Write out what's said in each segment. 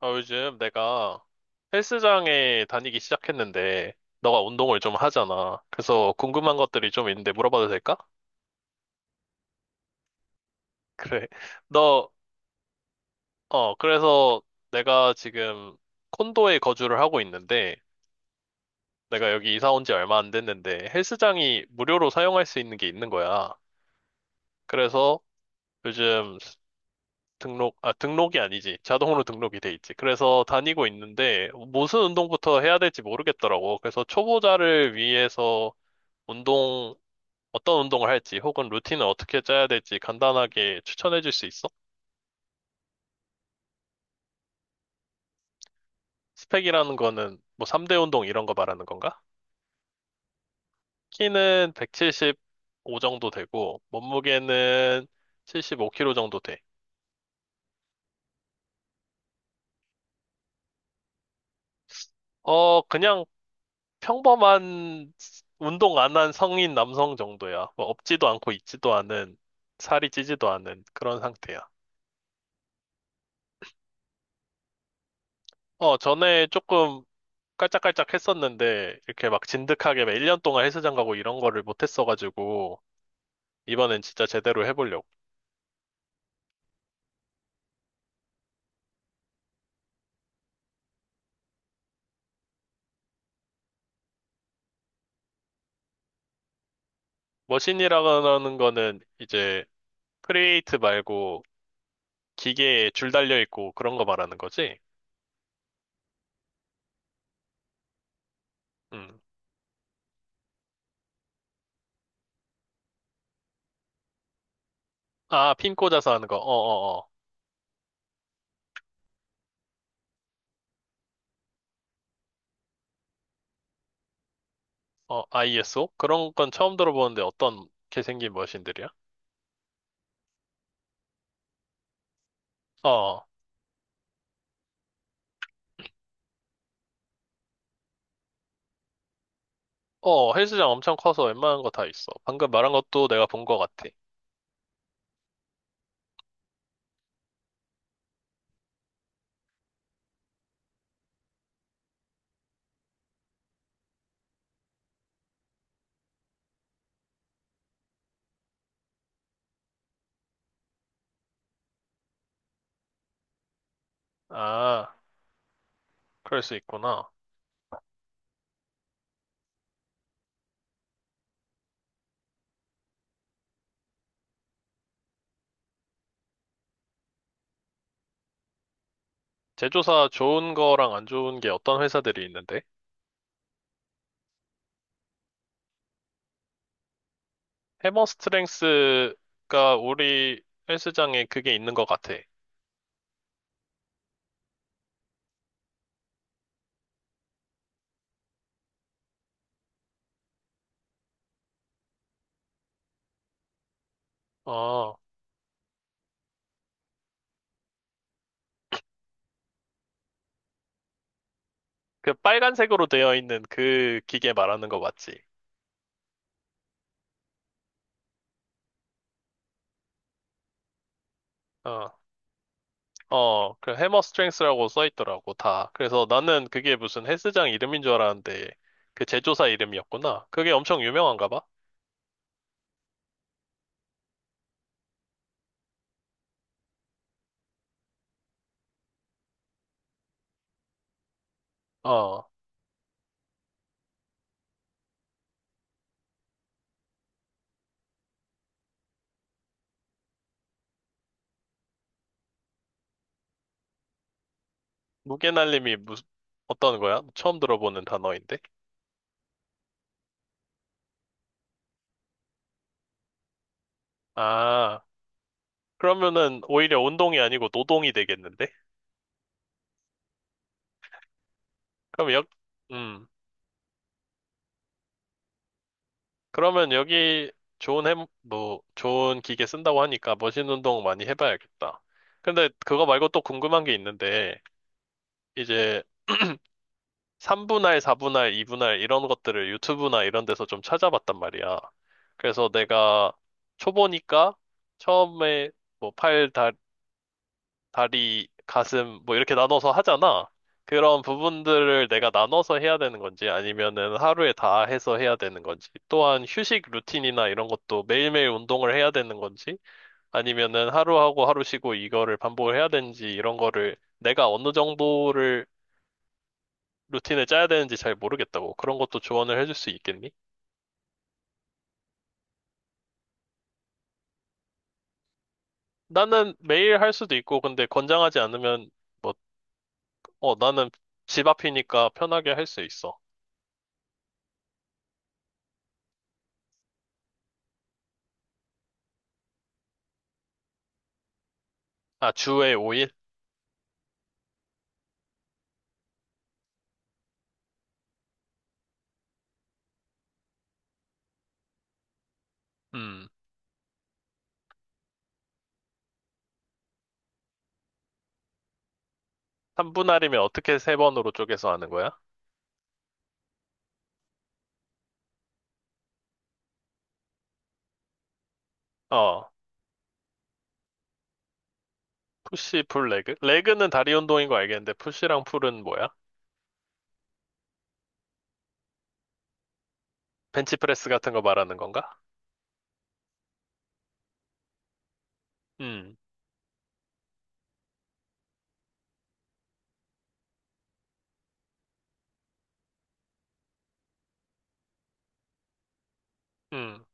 아, 요즘 내가 헬스장에 다니기 시작했는데, 너가 운동을 좀 하잖아. 그래서 궁금한 것들이 좀 있는데 물어봐도 될까? 그래. 너, 그래서 내가 지금 콘도에 거주를 하고 있는데, 내가 여기 이사 온 지 얼마 안 됐는데, 헬스장이 무료로 사용할 수 있는 게 있는 거야. 그래서 요즘 등록, 아, 등록이 아니지. 자동으로 등록이 돼 있지. 그래서 다니고 있는데, 무슨 운동부터 해야 될지 모르겠더라고. 그래서 초보자를 위해서 운동 어떤 운동을 할지 혹은 루틴을 어떻게 짜야 될지 간단하게 추천해 줄 수 있어? 스펙이라는 거는 뭐 3대 운동 이런 거 말하는 건가? 키는 175 정도 되고 몸무게는 75 kg 정도 돼. 어, 그냥 평범한 운동 안 한 성인 남성 정도야. 뭐 없지도 않고 있지도 않은 살이 찌지도 않은 그런 상태야. 어, 전에 조금 깔짝깔짝 했었는데 이렇게 막 진득하게 막 1년 동안 헬스장 가고 이런 거를 못 했어가지고 이번엔 진짜 제대로 해보려고. 머신이라는 거는 이제 크리에이트 말고 기계에 줄 달려 있고 그런 거 말하는 거지? 음. 아, 핀 꽂아서 하는 거. 어. 어, ISO? 그런 건 처음 들어보는데 어떤 게 생긴 머신들이야? 어, 어, 헬스장 엄청 커서 웬만한 거 다 있어. 방금 말한 것도 내가 본 거 같아. 아, 그럴 수 있구나. 제조사 좋은 거랑 안 좋은 게 어떤 회사들이 있는데? 해머 스트렝스가 우리 헬스장에 그게 있는 것 같아. 어, 그 빨간색으로 되어 있는 그 기계 말하는 거 맞지? 어, 그 해머 스트렝스라고 써 있더라고, 다. 그래서 나는 그게 무슨 헬스장 이름인 줄 알았는데, 그 제조사 이름이었구나. 그게 엄청 유명한가 봐? 어, 무게날림이 무슨, 어떤 거야? 처음 들어보는 단어인데? 아, 그러면은 오히려 운동이 아니고 노동이 되겠는데? 그럼 역, 음. 그러면 여기 좋은 해, 뭐, 좋은 기계 쓴다고 하니까 머신 운동 많이 해봐야겠다. 근데 그거 말고 또 궁금한 게 있는데, 이제 3분할, 4분할, 2분할 이런 것들을 유튜브나 이런 데서 좀 찾아봤단 말이야. 그래서 내가 초보니까 처음에 뭐 팔, 다 다리, 가슴, 뭐 이렇게 나눠서 하잖아. 그런 부분들을 내가 나눠서 해야 되는 건지 아니면은 하루에 다 해서 해야 되는 건지 또한 휴식 루틴이나 이런 것도 매일매일 운동을 해야 되는 건지 아니면은 하루하고 하루 쉬고 이거를 반복을 해야 되는지 이런 거를 내가 어느 정도를 루틴을 짜야 되는지 잘 모르겠다고 그런 것도 조언을 해줄 수 있겠니? 나는 매일 할 수도 있고 근데 권장하지 않으면 뭐, 나는 집 앞이니까 편하게 할 수 있어. 아, 주에 5일? 삼분할이면 어떻게 세번으로 쪼개서 하는 거야? 어, 푸시, 풀, 레그? 레그는 다리 운동인 거 알겠는데, 푸시랑 풀은 뭐야? 벤치프레스 같은 거 말하는 건가? 음, 음.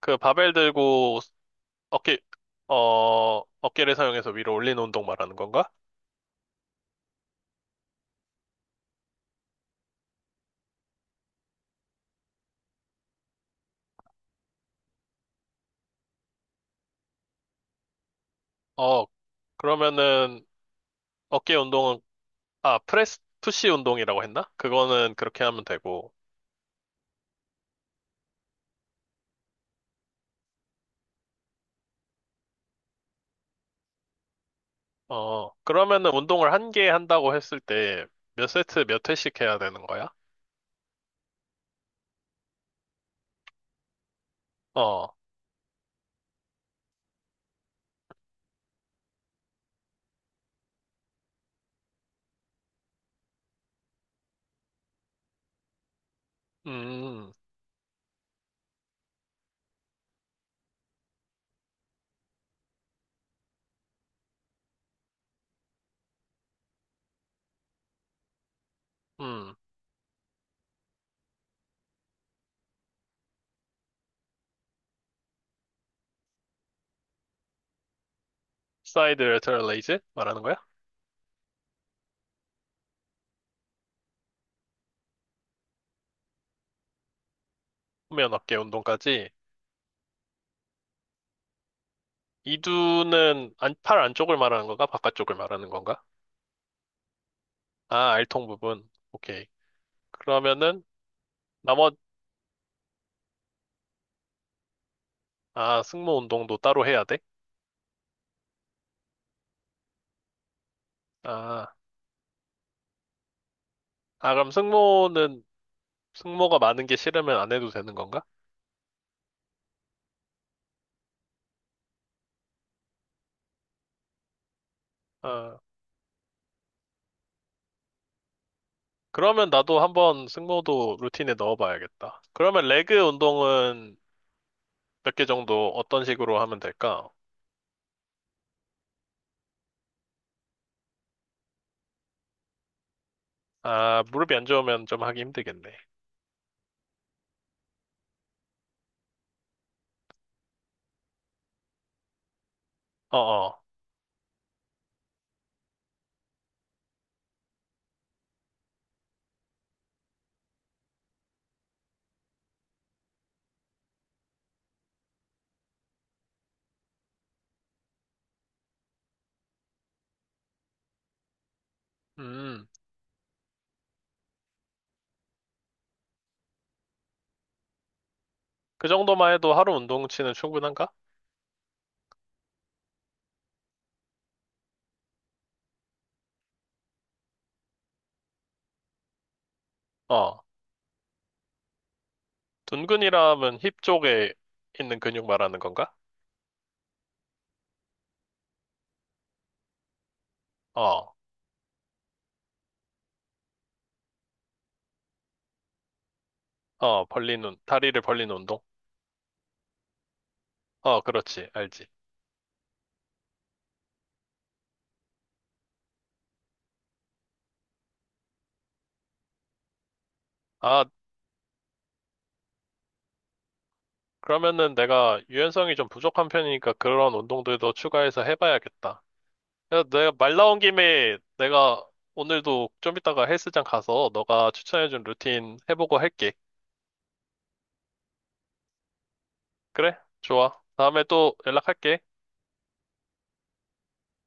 그 바벨 들고 어깨, 어깨를 사용해서 위로 올리는 운동 말하는 건가? 어, 그러면은 어깨 운동은, 아, 프레스, 푸시 운동이라고 했나? 그거는 그렇게 하면 되고, 어, 그러면은 운동을 한 개 한다고 했을 때 몇 세트 몇 회씩 해야 되는 거야? 어, 음, 음. 사이드 레터럴 레이즈 말하는 거야? 후면 어깨 운동까지. 이두는 안, 팔 안쪽을 말하는 건가? 바깥쪽을 말하는 건가? 아, 알통 부분. 오케이. 그러면은 나머 아, 승모 운동도 따로 해야 돼? 아, 아 그럼 승모는 승모가 많은 게 싫으면 안 해도 되는 건가? 아, 그러면 나도 한번 승모도 루틴에 넣어봐야겠다. 그러면 레그 운동은 몇 개 정도 어떤 식으로 하면 될까? 아, 무릎이 안 좋으면 좀 하기 힘들겠네. 어어. 음. 그 정도만 해도 하루 운동치는 충분한가? 어. 둔근이라면 힙 쪽에 있는 근육 말하는 건가? 어. 어, 벌리는, 다리를 벌리는 운동? 어, 그렇지. 알지. 아, 그러면은 내가 유연성이 좀 부족한 편이니까 그런 운동들도 추가해서 해봐야겠다. 야, 내가 말 나온 김에 내가 오늘도 좀 이따가 헬스장 가서 너가 추천해준 루틴 해보고 할게. 그래? 좋아. 다음에 또 연락할게.